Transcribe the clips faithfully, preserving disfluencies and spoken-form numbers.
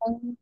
Hmm,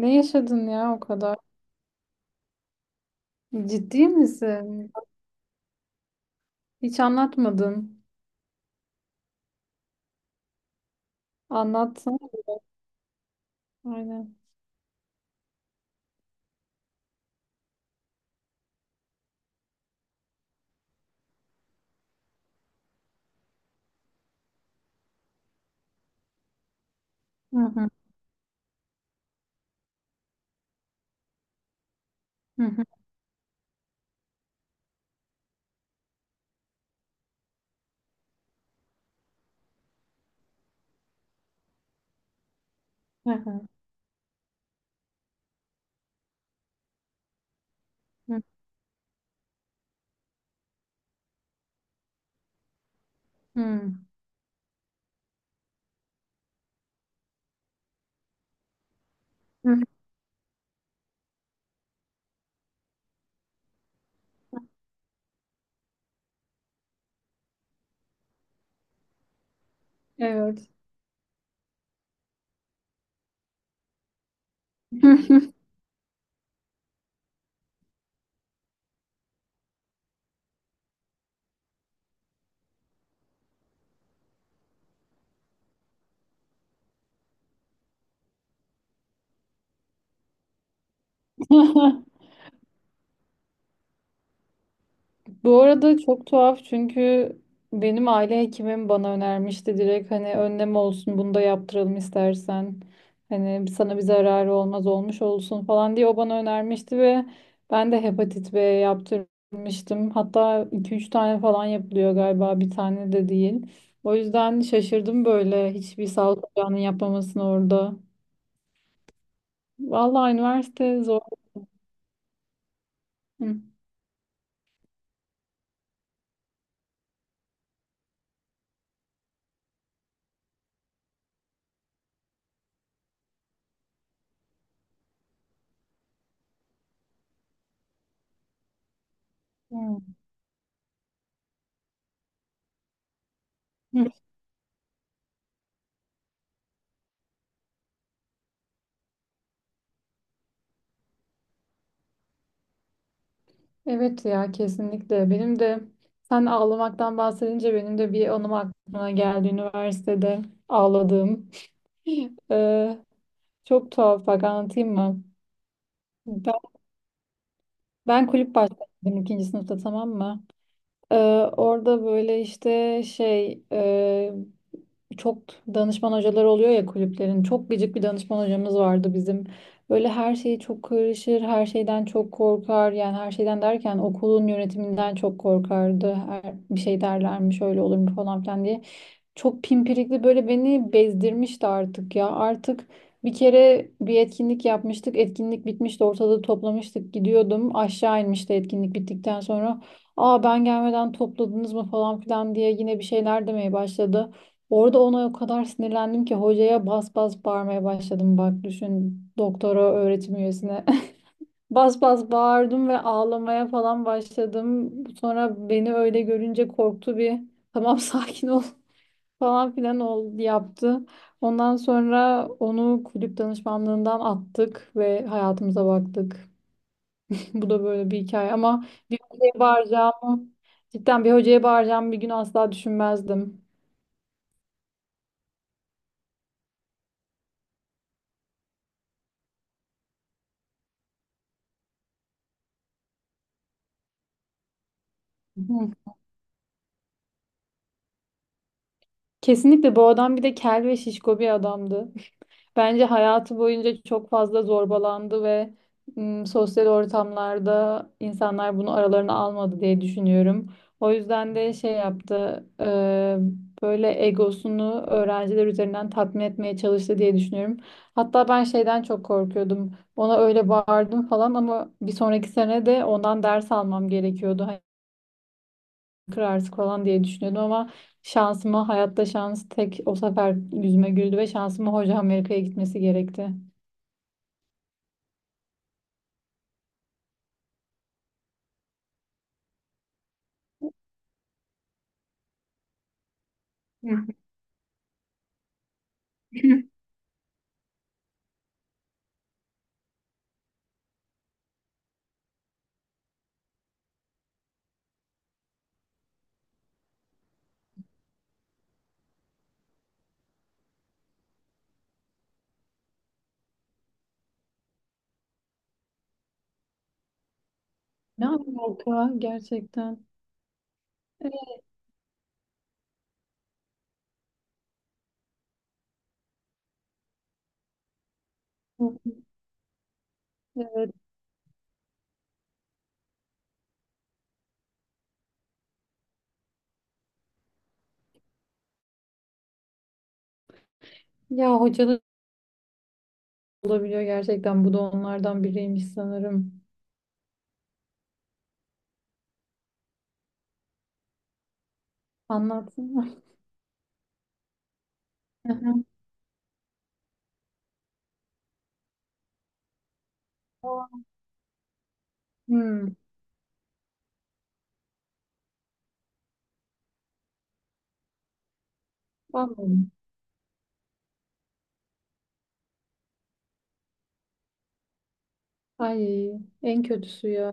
ne yaşadın ya o kadar? Ciddi misin? Hiç anlatmadın. Anlatsana. Aynen. Hı hı, hı hı, hı hı, hı hı. Evet. Bu arada çok tuhaf çünkü benim aile hekimim bana önermişti direkt hani önlem olsun bunu da yaptıralım istersen. Hani sana bir zararı olmaz olmuş olsun falan diye o bana önermişti ve ben de hepatit B yaptırmıştım. Hatta iki üç tane falan yapılıyor galiba bir tane de değil. O yüzden şaşırdım böyle hiçbir sağlık ocağının yapmamasını orada. Vallahi üniversite zor. Hı. Hı. Evet ya kesinlikle. Benim de sen ağlamaktan bahsedince benim de bir anım aklıma geldi üniversitede ağladığım. Ee, çok tuhaf bak anlatayım mı? Ben, ben kulüp başkanıydım ikinci sınıfta, tamam mı? Ee, orada böyle işte şey Çok danışman hocaları oluyor ya kulüplerin. Çok gıcık bir danışman hocamız vardı bizim. Böyle her şeyi çok karışır, her şeyden çok korkar. Yani her şeyden derken okulun yönetiminden çok korkardı. Her, bir şey derlermiş, öyle olur mu falan filan diye. Çok pimpirikli böyle beni bezdirmişti artık ya. Artık bir kere bir etkinlik yapmıştık. Etkinlik bitmişti. Ortalığı toplamıştık. Gidiyordum. Aşağı inmişti etkinlik bittikten sonra. Aa, ben gelmeden topladınız mı falan filan diye yine bir şeyler demeye başladı. Orada ona o kadar sinirlendim ki hocaya bas bas bağırmaya başladım. Bak düşün, doktora öğretim üyesine. Bas bas bağırdım ve ağlamaya falan başladım. Sonra beni öyle görünce korktu bir. Tamam, sakin ol falan filan oldu, yaptı. Ondan sonra onu kulüp danışmanlığından attık ve hayatımıza baktık. Bu da böyle bir hikaye, ama bir hocaya bağıracağımı, cidden bir hocaya bağıracağımı bir gün asla düşünmezdim. Hı. Kesinlikle bu adam bir de kel ve şişko bir adamdı. Bence hayatı boyunca çok fazla zorbalandı ve m, sosyal ortamlarda insanlar bunu aralarına almadı diye düşünüyorum. O yüzden de şey yaptı, e, böyle egosunu öğrenciler üzerinden tatmin etmeye çalıştı diye düşünüyorum. Hatta ben şeyden çok korkuyordum. Ona öyle bağırdım falan ama bir sonraki sene de ondan ders almam gerekiyordu. Hani kırarsın falan diye düşünüyordum ama şansıma hayatta şans tek o sefer yüzüme güldü ve şansıma hoca Amerika'ya gitmesi gerekti. Ne alaka gerçekten? Evet. Evet. Ya hocalık olabiliyor gerçekten. Bu da onlardan biriymiş sanırım. Anlatsana. Hı hı. Hmm, anladım. Ay, en kötüsü ya.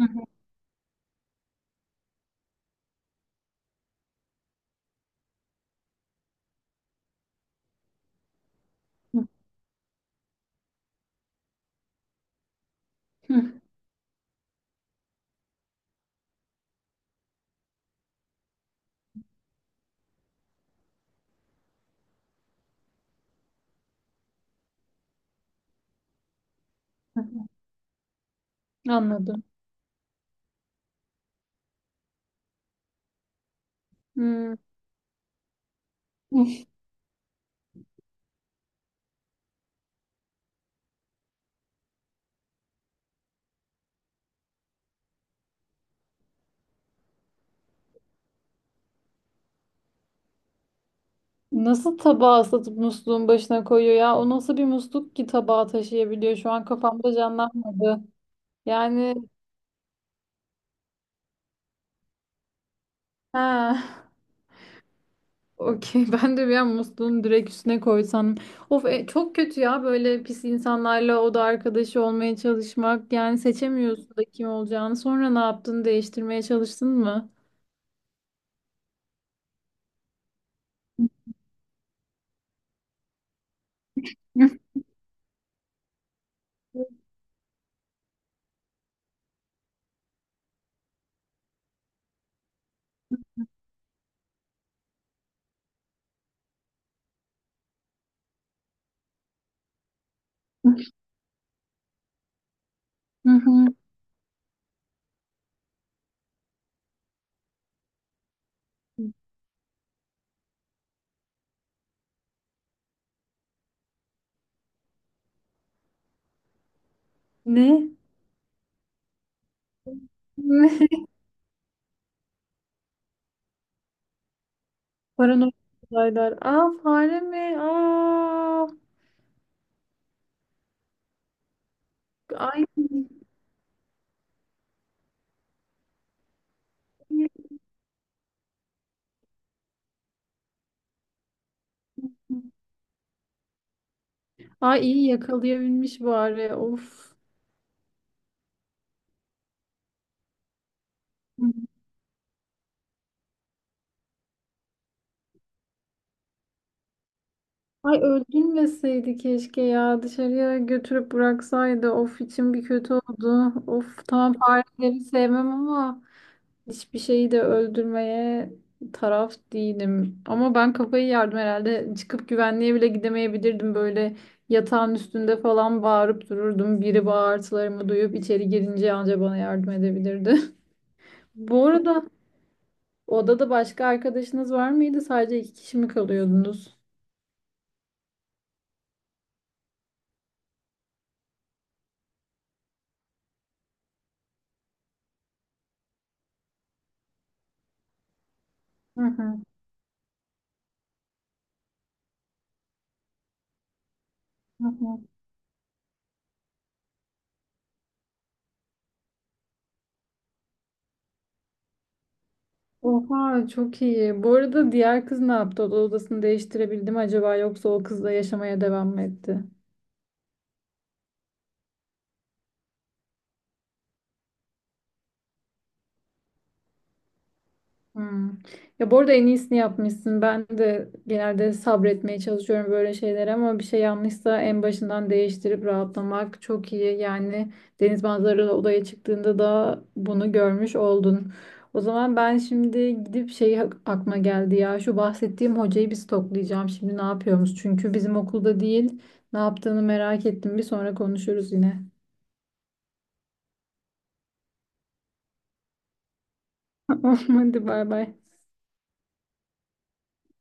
Hı hı. Hı hı. Anladım. Hmm. Nasıl tabağı ıslatıp musluğun başına koyuyor ya? O nasıl bir musluk ki tabağı taşıyabiliyor? Şu an kafamda canlanmadı. Yani ha. Okey. Ben de bir an musluğun direkt üstüne koysam. Of, e, çok kötü ya böyle pis insanlarla oda arkadaşı olmaya çalışmak. Yani seçemiyorsun da kim olacağını. Sonra ne yaptın? Değiştirmeye çalıştın mı? Hı hı. Ne? Ne? Paranormal olaylar. Aa, fare mi? Aa. Ay. Ay, iyi yakalayabilmiş bari. Of. Ay, öldürmeseydi keşke ya. Dışarıya götürüp bıraksaydı. Of, içim bir kötü oldu. Of, tamam, fareleri sevmem ama hiçbir şeyi de öldürmeye taraf değilim. Ama ben kafayı yardım herhalde. Çıkıp güvenliğe bile gidemeyebilirdim. Böyle yatağın üstünde falan bağırıp dururdum. Biri bağırtılarımı duyup içeri girince anca bana yardım edebilirdi. Bu arada odada başka arkadaşınız var mıydı? Sadece iki kişi mi kalıyordunuz? Hı hı, hı hı. Oha, çok iyi. Bu arada diğer kız ne yaptı? O da odasını değiştirebildi mi acaba, yoksa o kızla yaşamaya devam mı etti? Hmm. Ya bu arada en iyisini yapmışsın. Ben de genelde sabretmeye çalışıyorum böyle şeylere ama bir şey yanlışsa en başından değiştirip rahatlamak çok iyi. Yani deniz manzaralı odaya çıktığında da bunu görmüş oldun. O zaman ben şimdi gidip şey ak- aklıma geldi ya. Şu bahsettiğim hocayı bir stoklayacağım. Şimdi ne yapıyoruz? Çünkü bizim okulda değil. Ne yaptığını merak ettim. Bir sonra konuşuruz yine. Hadi bay bay.